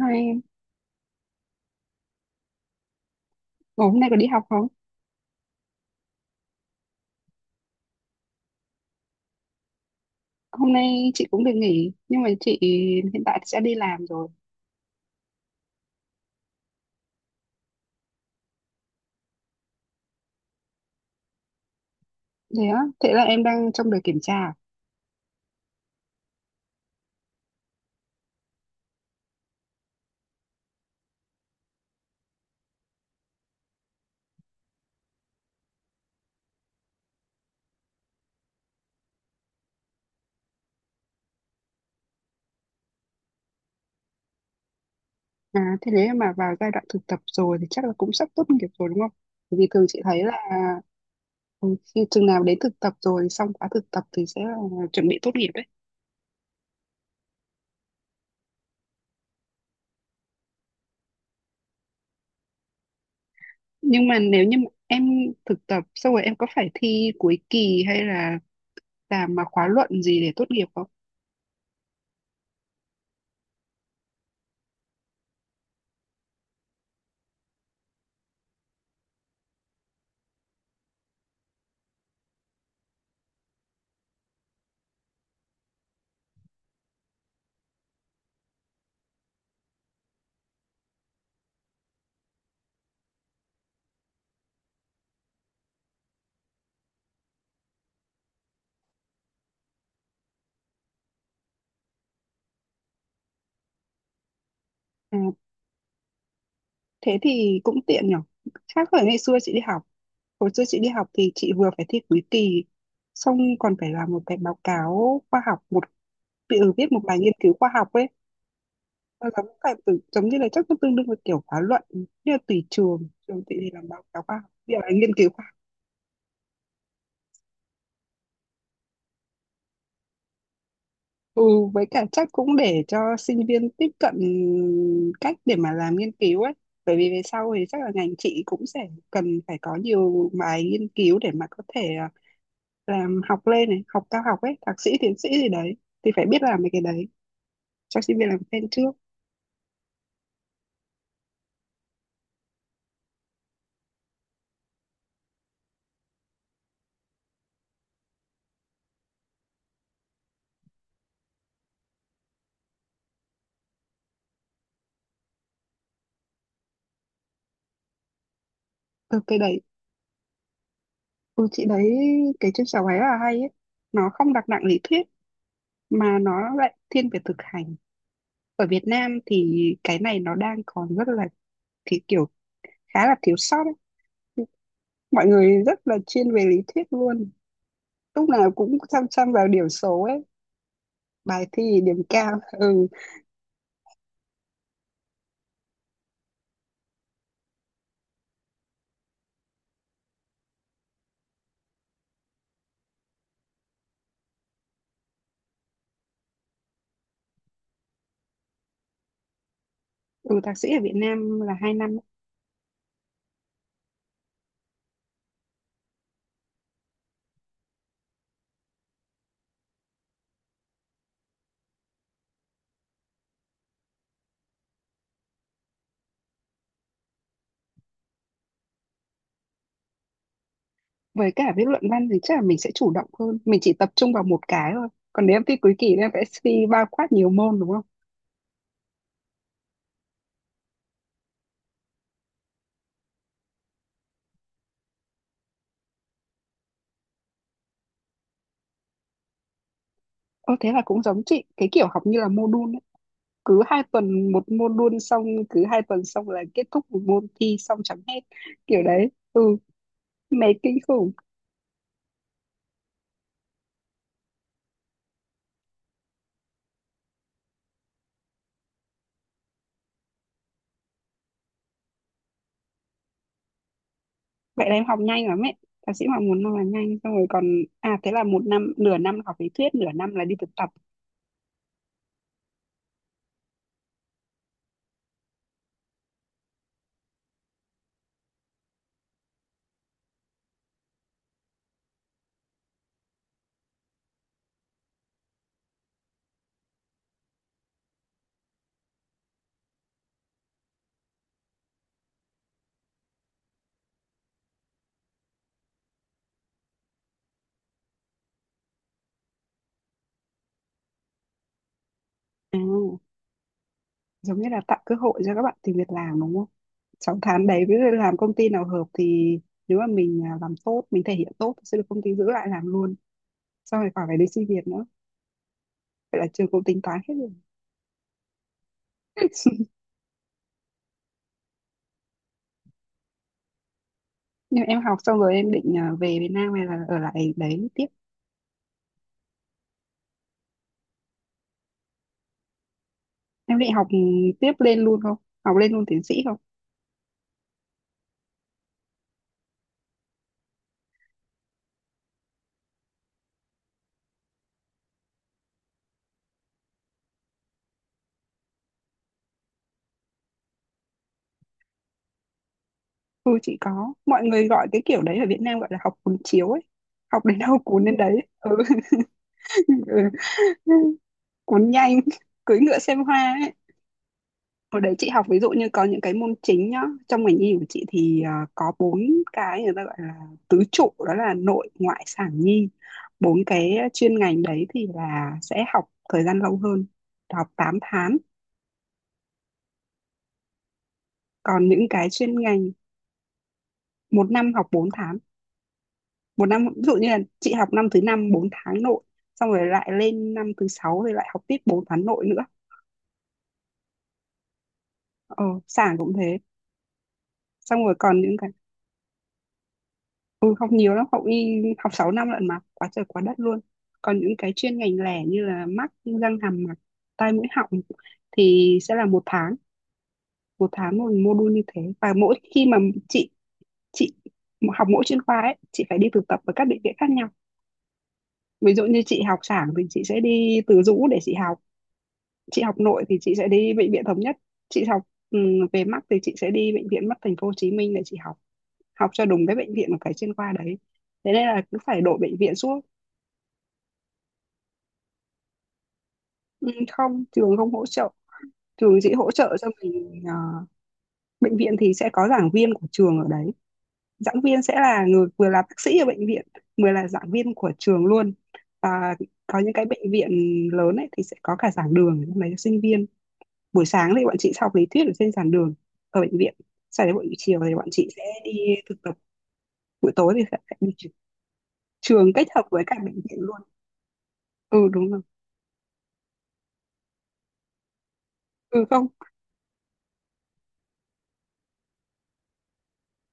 Hai em. Ủa, hôm nay có đi học không? Hôm nay chị cũng được nghỉ, nhưng mà chị hiện tại sẽ đi làm rồi. Thế á, thế là em đang trong đợt kiểm tra à? À, thế nếu mà vào giai đoạn thực tập rồi thì chắc là cũng sắp tốt nghiệp rồi đúng không? Bởi vì thường chị thấy là ừ, khi chừng nào đến thực tập rồi, xong khóa thực tập thì sẽ là chuẩn bị tốt nghiệp đấy. Nhưng mà nếu như mà em thực tập xong rồi em có phải thi cuối kỳ hay là làm mà khóa luận gì để tốt nghiệp không? À, thế thì cũng tiện nhở. Khác với ngày xưa chị đi học. Hồi xưa chị đi học thì chị vừa phải thi cuối kỳ, xong còn phải làm một cái báo cáo khoa học, một tự viết một bài nghiên cứu khoa học ấy. Nó giống phải tự, giống như là chắc nó tương đương với kiểu khóa luận, như là tùy trường, trường chị thì làm báo cáo khoa học, bây giờ là nghiên cứu khoa học. Ừ, với cả chắc cũng để cho sinh viên tiếp cận cách để mà làm nghiên cứu ấy. Bởi vì về sau thì chắc là ngành chị cũng sẽ cần phải có nhiều bài nghiên cứu để mà có thể làm học lên này, học cao học ấy, thạc sĩ, tiến sĩ gì đấy, thì phải biết làm mấy cái đấy cho sinh viên làm quen trước. Ừ, cái đấy, ừ, chị đấy, cái trên sáu ấy là hay ấy, nó không đặt nặng lý thuyết mà nó lại thiên về thực hành. Ở Việt Nam thì cái này nó đang còn rất là, thì kiểu khá là thiếu sót ấy. Mọi người rất là chuyên về lý thuyết luôn, lúc nào cũng chăm chăm vào điểm số ấy, bài thi điểm cao. Ừ. Ừ, thạc sĩ ở Việt Nam là 2 năm. Với cả viết luận văn thì chắc là mình sẽ chủ động hơn, mình chỉ tập trung vào một cái thôi, còn nếu em thi cuối kỳ thì em phải thi bao quát nhiều môn đúng không? Ơ thế là cũng giống chị, cái kiểu học như là module ấy. Cứ 2 tuần một module xong, cứ 2 tuần xong là kết thúc một môn thi xong chẳng hết. Kiểu đấy, mệt kinh khủng. Vậy là em học nhanh lắm ấy. Thạc sĩ mà muốn là nhanh, xong rồi còn, à thế là một năm, nửa năm học lý thuyết, nửa năm là đi thực tập. À, giống như là tạo cơ hội cho các bạn tìm việc làm đúng không? 6 tháng đấy, ví dụ làm công ty nào hợp thì nếu mà mình làm tốt, mình thể hiện tốt thì sẽ được công ty giữ lại làm luôn. Xong rồi khỏi phải đi xin việc nữa. Vậy là trường cũng tính toán hết rồi. Nhưng em học xong rồi em định về Việt Nam hay là ở lại đấy tiếp? Em định học tiếp lên luôn không? Học lên luôn tiến sĩ không? Ừ chị có. Mọi người gọi cái kiểu đấy ở Việt Nam gọi là học cuốn chiếu ấy. Học đến đâu cuốn đến đấy. Ừ. ừ. Cuốn nhanh, cưỡi ngựa xem hoa ấy. Hồi đấy chị học ví dụ như có những cái môn chính nhá. Trong ngành y của chị thì có bốn cái người ta gọi là tứ trụ, đó là nội ngoại sản nhi. Bốn cái chuyên ngành đấy thì là sẽ học thời gian lâu hơn, học 8 tháng. Còn những cái chuyên ngành một năm học 4 tháng. Một năm ví dụ như là chị học năm thứ năm 4 tháng nội, xong rồi lại lên năm thứ sáu rồi lại học tiếp 4 tháng nội nữa. Ờ, Sảng cũng thế, xong rồi còn những cái, ừ, học nhiều lắm, học y học 6 năm lận mà quá trời quá đất luôn. Còn những cái chuyên ngành lẻ như là mắt, răng hàm mặt, tai mũi họng thì sẽ là một tháng, một tháng một module như thế. Và mỗi khi mà chị chị học mỗi chuyên khoa ấy, chị phải đi thực tập ở các bệnh viện khác nhau. Ví dụ như chị học sản thì chị sẽ đi Từ Dũ để chị học, chị học nội thì chị sẽ đi bệnh viện Thống Nhất, chị học ừ, về mắt thì chị sẽ đi bệnh viện mắt thành phố Hồ Chí Minh để chị học, học cho đúng cái bệnh viện của cái chuyên khoa đấy. Thế nên là cứ phải đổi bệnh viện suốt. Ừ, không, trường không hỗ trợ, trường chỉ hỗ trợ cho mình, bệnh viện thì sẽ có giảng viên của trường ở đấy. Giảng viên sẽ là người vừa là bác sĩ ở bệnh viện vừa là giảng viên của trường luôn. Và có những cái bệnh viện lớn ấy thì sẽ có cả giảng đường ở trong đấy cho sinh viên. Buổi sáng thì bọn chị sẽ học lý thuyết ở trên giảng đường ở bệnh viện, sau đấy buổi chiều thì bọn chị sẽ đi thực tập, buổi tối thì sẽ đi trường kết hợp với cả bệnh viện luôn. Ừ đúng rồi. Ừ không.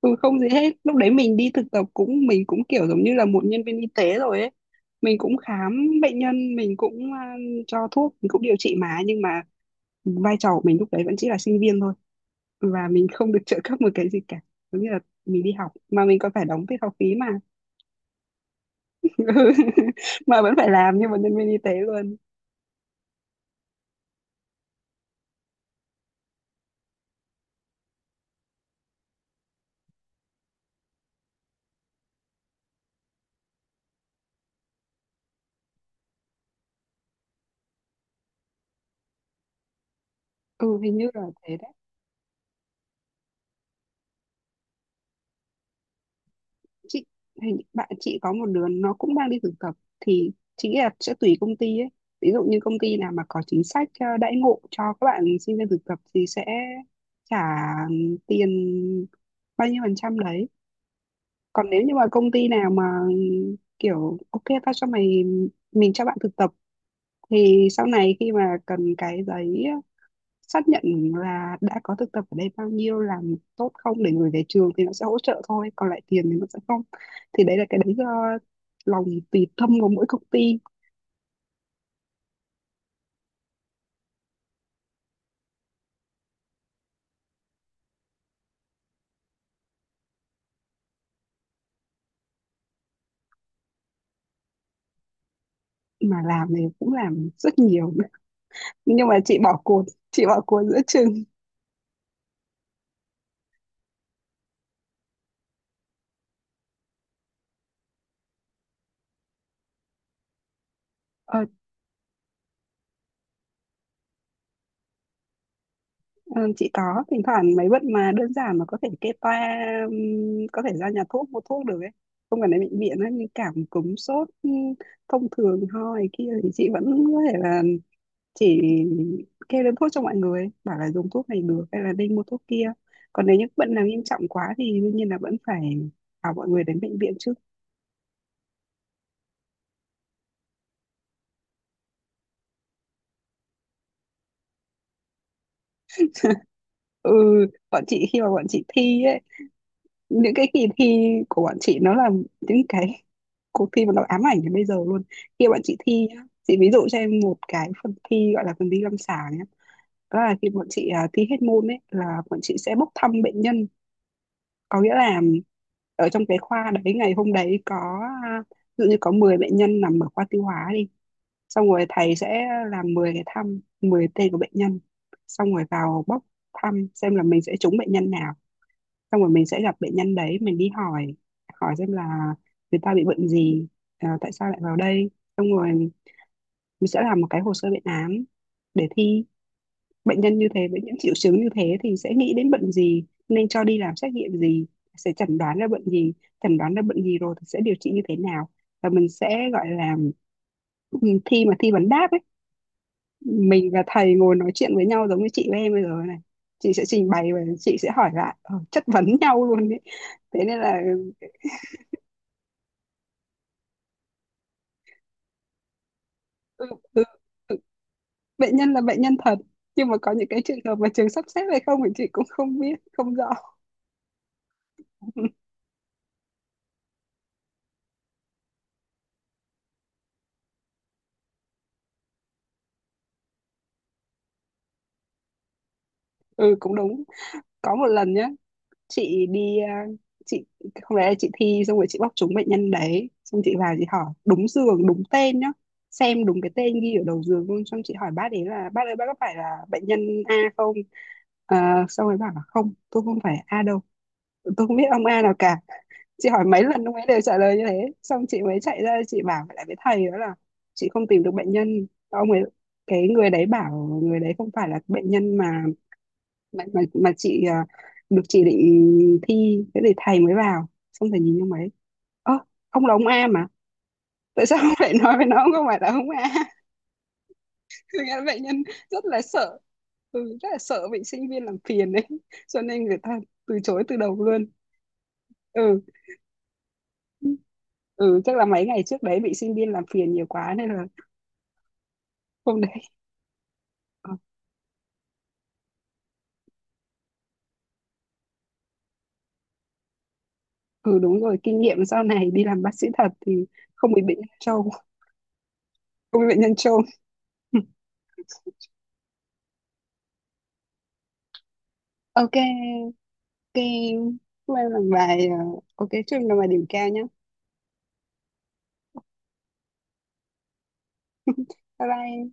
Ừ, không gì hết. Lúc đấy mình đi thực tập, cũng mình cũng kiểu giống như là một nhân viên y tế rồi ấy. Mình cũng khám bệnh nhân, mình cũng cho thuốc, mình cũng điều trị, mà nhưng mà vai trò của mình lúc đấy vẫn chỉ là sinh viên thôi, và mình không được trợ cấp một cái gì cả. Giống như là mình đi học mà mình còn phải đóng tiền học phí mà. Ừ. mà vẫn phải làm nhưng mà nhân viên y tế luôn. Ừ, hình như là thế đấy. Chị hình bạn chị có một đứa nó cũng đang đi thực tập, thì chị nghĩ là sẽ tùy công ty ấy. Ví dụ như công ty nào mà có chính sách đãi ngộ cho các bạn sinh viên thực tập thì sẽ trả tiền bao nhiêu phần trăm đấy. Còn nếu như mà công ty nào mà kiểu ok tao cho mày, mình cho bạn thực tập, thì sau này khi mà cần cái giấy xác nhận là đã có thực tập ở đây, bao nhiêu, làm tốt không, để gửi về trường thì nó sẽ hỗ trợ thôi, còn lại tiền thì nó sẽ không. Thì đấy là cái đấy do lòng tùy tâm của mỗi công ty. Mà làm thì cũng làm rất nhiều, nhưng mà chị bỏ cuộc, chị bỏ cuộc giữa chừng. ờ, ờ, chị có, thỉnh thoảng mấy bệnh mà đơn giản mà có thể kê toa, ừm, có thể ra nhà thuốc mua thuốc được ấy, không cần đến bệnh viện ấy, như cảm cúm sốt thông thường, ho này kia thì chị vẫn có thể là chỉ kêu lên thuốc cho mọi người, bảo là dùng thuốc này được hay là nên mua thuốc kia. Còn nếu những bệnh nào nghiêm trọng quá thì đương nhiên là vẫn phải bảo mọi người đến bệnh viện chứ. Ừ, bọn chị khi mà bọn chị thi ấy, những cái kỳ thi của bọn chị nó là những cái cuộc thi mà nó ám ảnh đến bây giờ luôn. Khi bọn chị thi nhá, chị ví dụ cho em một cái phần thi gọi là phần thi lâm sàng nhá. Đó là khi bọn chị thi hết môn ấy là bọn chị sẽ bốc thăm bệnh nhân. Có nghĩa là ở trong cái khoa đấy, ngày hôm đấy có ví dụ như có 10 bệnh nhân nằm ở khoa tiêu hóa đi, xong rồi thầy sẽ làm 10 cái thăm, 10 tên của bệnh nhân, xong rồi vào bóc thăm xem là mình sẽ trúng bệnh nhân nào. Xong rồi mình sẽ gặp bệnh nhân đấy, mình đi hỏi, hỏi xem là người ta bị bệnh gì, tại sao lại vào đây. Xong rồi mình sẽ làm một cái hồ sơ bệnh án để thi, bệnh nhân như thế với những triệu chứng như thế thì sẽ nghĩ đến bệnh gì, nên cho đi làm xét nghiệm gì, sẽ chẩn đoán ra bệnh gì. Chẩn đoán ra bệnh gì rồi thì sẽ điều trị như thế nào. Và mình sẽ gọi là, thi mà thi vấn đáp ấy. Mình và thầy ngồi nói chuyện với nhau giống như chị với em bây giờ này. Chị sẽ trình bày và chị sẽ hỏi lại, chất vấn nhau luôn đấy. Thế nên là ừ, ừ, ừ, bệnh nhân là bệnh nhân thật, nhưng mà có những cái trường hợp mà trường sắp xếp hay không thì chị cũng không biết, không rõ. ừ cũng đúng. Có một lần nhá, chị đi, chị không lẽ chị thi xong rồi chị bóc trúng bệnh nhân đấy, xong chị vào chị hỏi đúng giường đúng tên nhá, xem đúng cái tên ghi ở đầu giường luôn, xong chị hỏi bác ấy là bác ơi bác có phải là bệnh nhân A không. Ờ, xong rồi bảo là không, tôi không phải A đâu, tôi không biết ông A nào cả. Chị hỏi mấy lần ông ấy đều trả lời như thế, xong chị mới chạy ra chị bảo lại với thầy đó là chị không tìm được bệnh nhân, ông ấy, cái người đấy bảo người đấy không phải là bệnh nhân Mà chị được chỉ định thi thế thì thầy mới vào, xong thầy nhìn ông ấy: ơ, ông là ông A mà, tại sao ông lại nói với nó ông không phải là ông A. Thực ra bệnh nhân rất là sợ, ừ, rất là sợ bị sinh viên làm phiền đấy, cho nên người ta từ chối từ đầu luôn. Ừ. Ừ, chắc là mấy ngày trước đấy bị sinh viên làm phiền nhiều quá nên là không đấy. Ờ, ừ đúng rồi, kinh nghiệm sau này đi làm bác sĩ thật thì không bị bệnh nhân trâu, không bị bệnh nhân trâu. ok. Ok, hôm nay làm bài, ok chúc em làm bài điểm cao nhé. Bye bye.